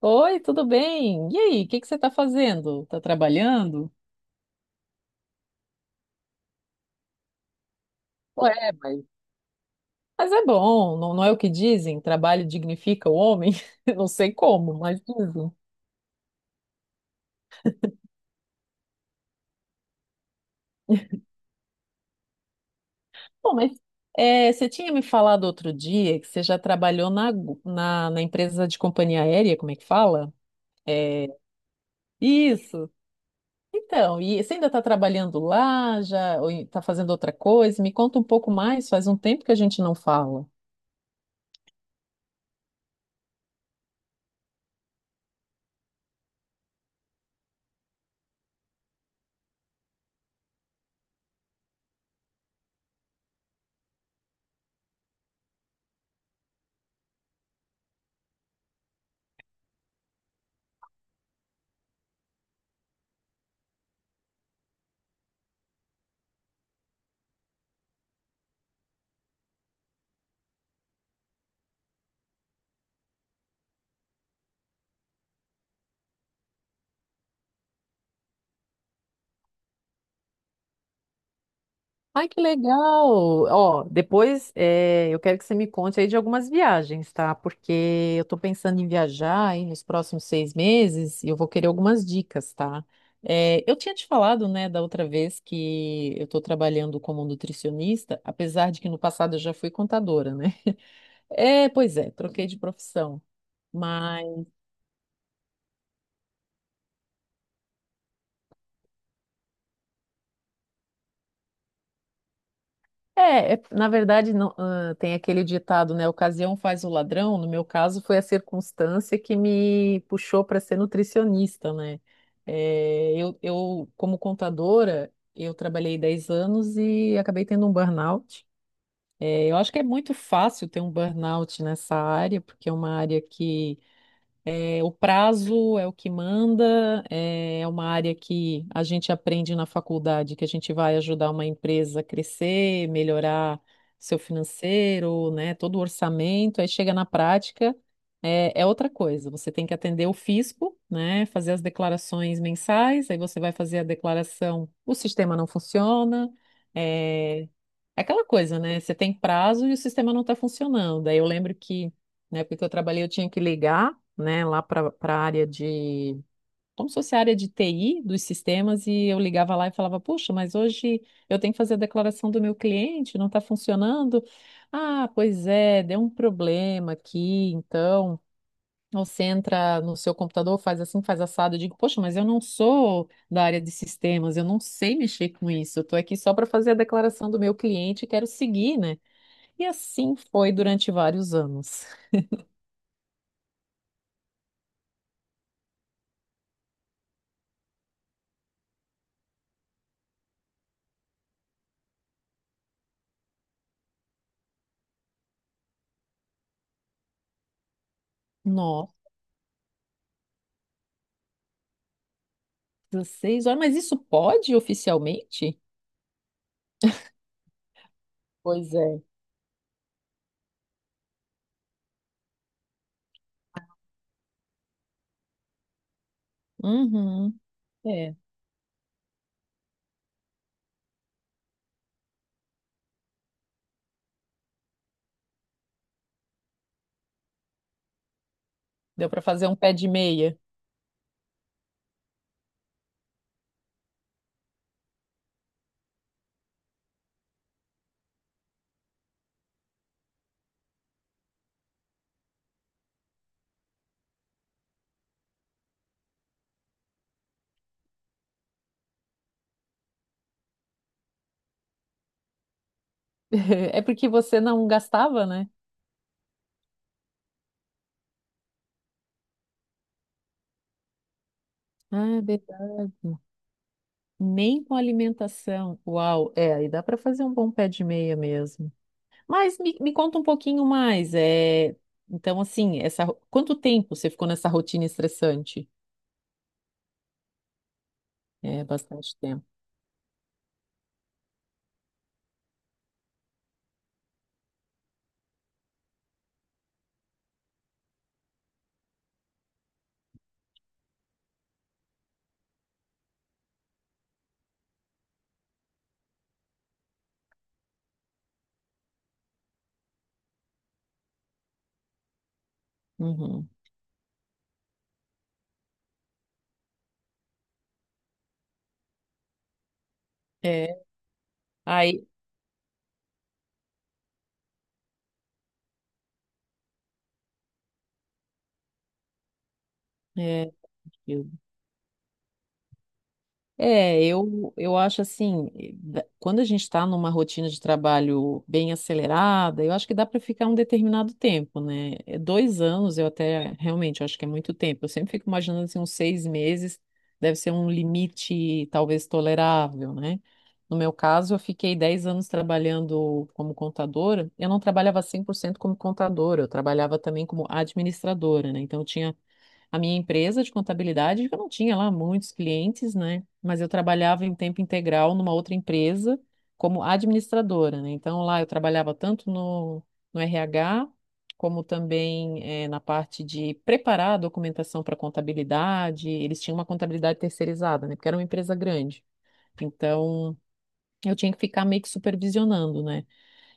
Oi, tudo bem? E aí, o que que você está fazendo? Está trabalhando? Ué, mas Mas é bom, não, não é o que dizem? Trabalho dignifica o homem? Eu não sei como, mas dizem. Bom, mas você tinha me falado outro dia que você já trabalhou na na empresa de companhia aérea, como é que fala? É, isso. Então, e você ainda está trabalhando lá, já, ou está fazendo outra coisa? Me conta um pouco mais, faz um tempo que a gente não fala. Ai, que legal! Ó, depois eu quero que você me conte aí de algumas viagens, tá? Porque eu tô pensando em viajar aí nos próximos 6 meses e eu vou querer algumas dicas, tá? Eu tinha te falado, né, da outra vez que eu tô trabalhando como nutricionista, apesar de que no passado eu já fui contadora, né? É, pois é, troquei de profissão. Na verdade, não, ah, tem aquele ditado, né? Ocasião faz o ladrão. No meu caso, foi a circunstância que me puxou para ser nutricionista, né? É, eu, como contadora, eu trabalhei 10 anos e acabei tendo um burnout. É, eu acho que é muito fácil ter um burnout nessa área, porque é uma área que o prazo é o que manda, é uma área que a gente aprende na faculdade, que a gente vai ajudar uma empresa a crescer, melhorar seu financeiro, né, todo o orçamento, aí chega na prática, é outra coisa. Você tem que atender o fisco, né, fazer as declarações mensais, aí você vai fazer a declaração, o sistema não funciona, é, é aquela coisa, né? Você tem prazo e o sistema não está funcionando. Aí eu lembro que na época que eu trabalhei, eu tinha que ligar, né, lá para a área de. Como se fosse a área de TI dos sistemas, e eu ligava lá e falava: Puxa, mas hoje eu tenho que fazer a declaração do meu cliente, não está funcionando. Ah, pois é, deu um problema aqui, então. Você entra no seu computador, faz assim, faz assado. Eu digo, poxa, mas eu não sou da área de sistemas, eu não sei mexer com isso. Eu estou aqui só para fazer a declaração do meu cliente e quero seguir, né? E assim foi durante vários anos. Nossa, 6 horas, mas isso pode oficialmente? Pois é. Uhum, é. Deu para fazer um pé de meia. É porque você não gastava, né? Ah, é verdade. Nem com alimentação. Uau, é, aí dá para fazer um bom pé de meia mesmo. Mas me conta um pouquinho mais. Então, assim, quanto tempo você ficou nessa rotina estressante? É bastante tempo. Uhum. É. Aí, é... É, eu acho assim, quando a gente está numa rotina de trabalho bem acelerada, eu acho que dá para ficar um determinado tempo, né? 2 anos, eu até realmente eu acho que é muito tempo. Eu sempre fico imaginando assim, uns 6 meses deve ser um limite talvez tolerável, né? No meu caso, eu fiquei 10 anos trabalhando como contadora. Eu não trabalhava 100% como contadora, eu trabalhava também como administradora, né? Então, eu tinha a minha empresa de contabilidade, que eu não tinha lá muitos clientes, né? Mas eu trabalhava em tempo integral numa outra empresa como administradora, né? Então lá eu trabalhava tanto no, RH, como também na parte de preparar a documentação para contabilidade. Eles tinham uma contabilidade terceirizada, né? Porque era uma empresa grande. Então eu tinha que ficar meio que supervisionando, né?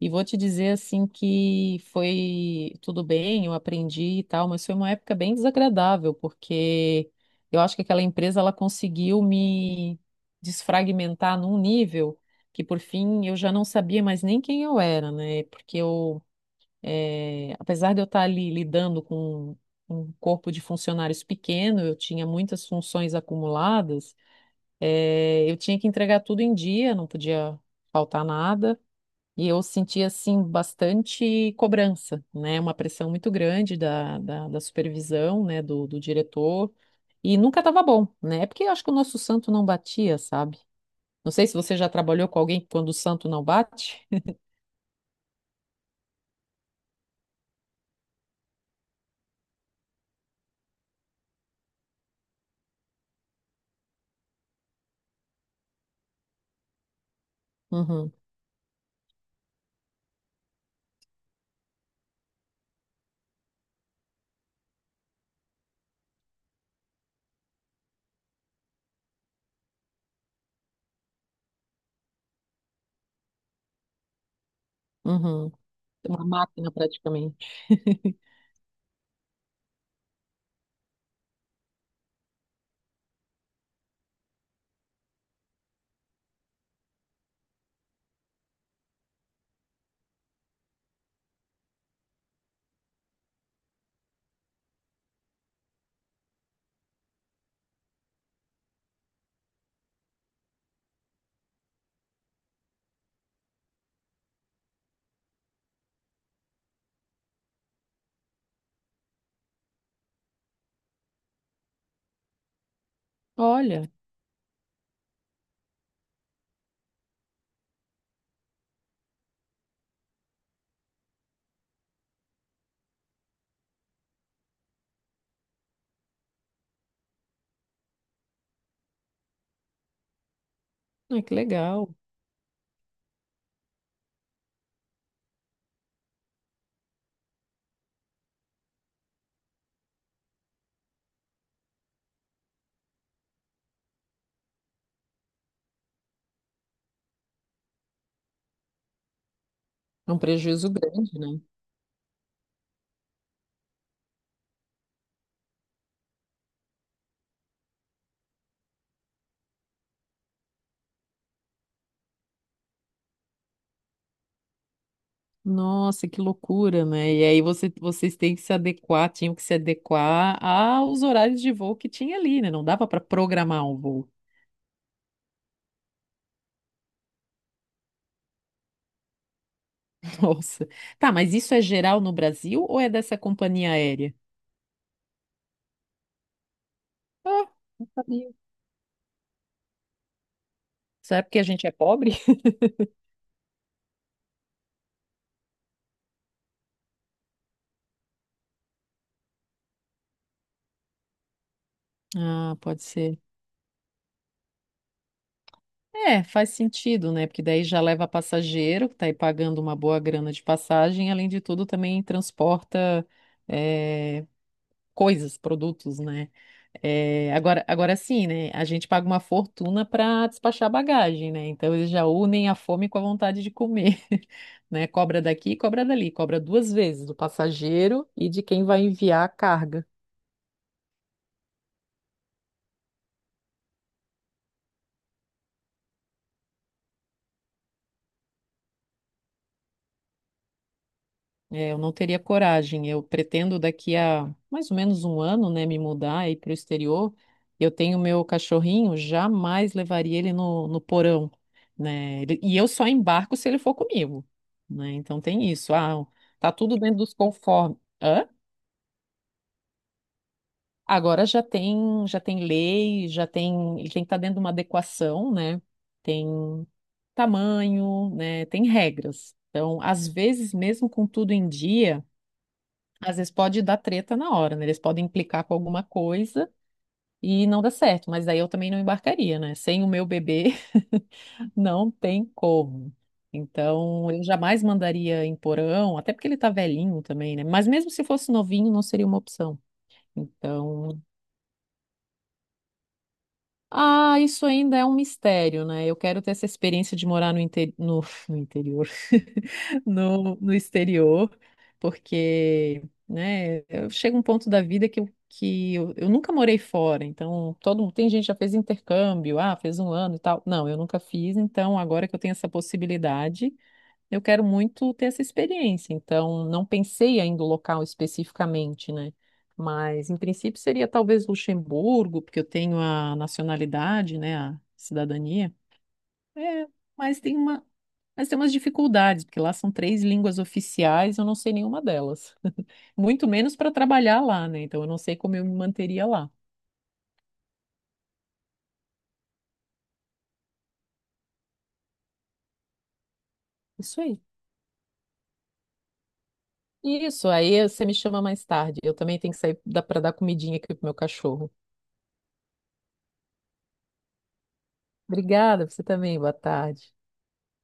E vou te dizer assim que foi tudo bem, eu aprendi e tal, mas foi uma época bem desagradável, porque eu acho que aquela empresa ela conseguiu me desfragmentar num nível que por fim eu já não sabia mais nem quem eu era, né? Porque eu, apesar de eu estar ali lidando com um corpo de funcionários pequeno, eu tinha muitas funções acumuladas, eu tinha que entregar tudo em dia, não podia faltar nada. E eu senti, assim, bastante cobrança, né? Uma pressão muito grande da da supervisão, né? Do diretor. E nunca estava bom, né? É porque eu acho que o nosso santo não batia, sabe? Não sei se você já trabalhou com alguém que quando o santo não bate. Uhum, uhum. Uma máquina praticamente. Olha, ai, que legal. É um prejuízo grande, né? Nossa, que loucura, né? E aí você, vocês têm que se adequar, tinham que se adequar aos horários de voo que tinha ali, né? Não dava para programar um voo. Nossa. Tá, mas isso é geral no Brasil ou é dessa companhia aérea? Ah, não sabia. Será porque a gente é pobre? Ah, pode ser. É, faz sentido, né? Porque daí já leva passageiro, que tá aí pagando uma boa grana de passagem, além de tudo também transporta eh, coisas, produtos, né? É, agora, agora sim, né? A gente paga uma fortuna para despachar bagagem, né? Então eles já unem a fome com a vontade de comer, né? Cobra daqui, cobra dali, cobra duas vezes do passageiro e de quem vai enviar a carga. É, eu não teria coragem. Eu pretendo daqui a mais ou menos um ano, né, me mudar e ir para o exterior. Eu tenho meu cachorrinho, jamais levaria ele no, porão, né? E eu só embarco se ele for comigo, né? Então tem isso. Ah, tá tudo dentro dos conformes. Hã? Agora já tem lei, ele tem que estar dentro de uma adequação, né? Tem tamanho, né? Tem regras. Então, às vezes, mesmo com tudo em dia às vezes pode dar treta na hora, né? Eles podem implicar com alguma coisa e não dá certo, mas aí eu também não embarcaria, né? Sem o meu bebê, não tem como. Então, eu jamais mandaria em porão, até porque ele tá velhinho também, né? Mas mesmo se fosse novinho, não seria uma opção. Então, ah, isso ainda é um mistério, né? Eu quero ter essa experiência de morar no, no interior, no exterior, porque, né, eu chego a um ponto da vida que eu nunca morei fora, então todo mundo, tem gente que já fez intercâmbio, ah, fez um ano e tal. Não, eu nunca fiz, então agora que eu tenho essa possibilidade, eu quero muito ter essa experiência, então não pensei ainda o local especificamente, né? Mas em princípio seria talvez Luxemburgo, porque eu tenho a nacionalidade, né, a cidadania. É, mas tem uma, mas tem umas dificuldades, porque lá são três línguas oficiais, eu não sei nenhuma delas. Muito menos para trabalhar lá, né? Então eu não sei como eu me manteria lá. Isso aí. Isso, aí você me chama mais tarde. Eu também tenho que sair para dar comidinha aqui pro meu cachorro. Obrigada, você também. Boa tarde.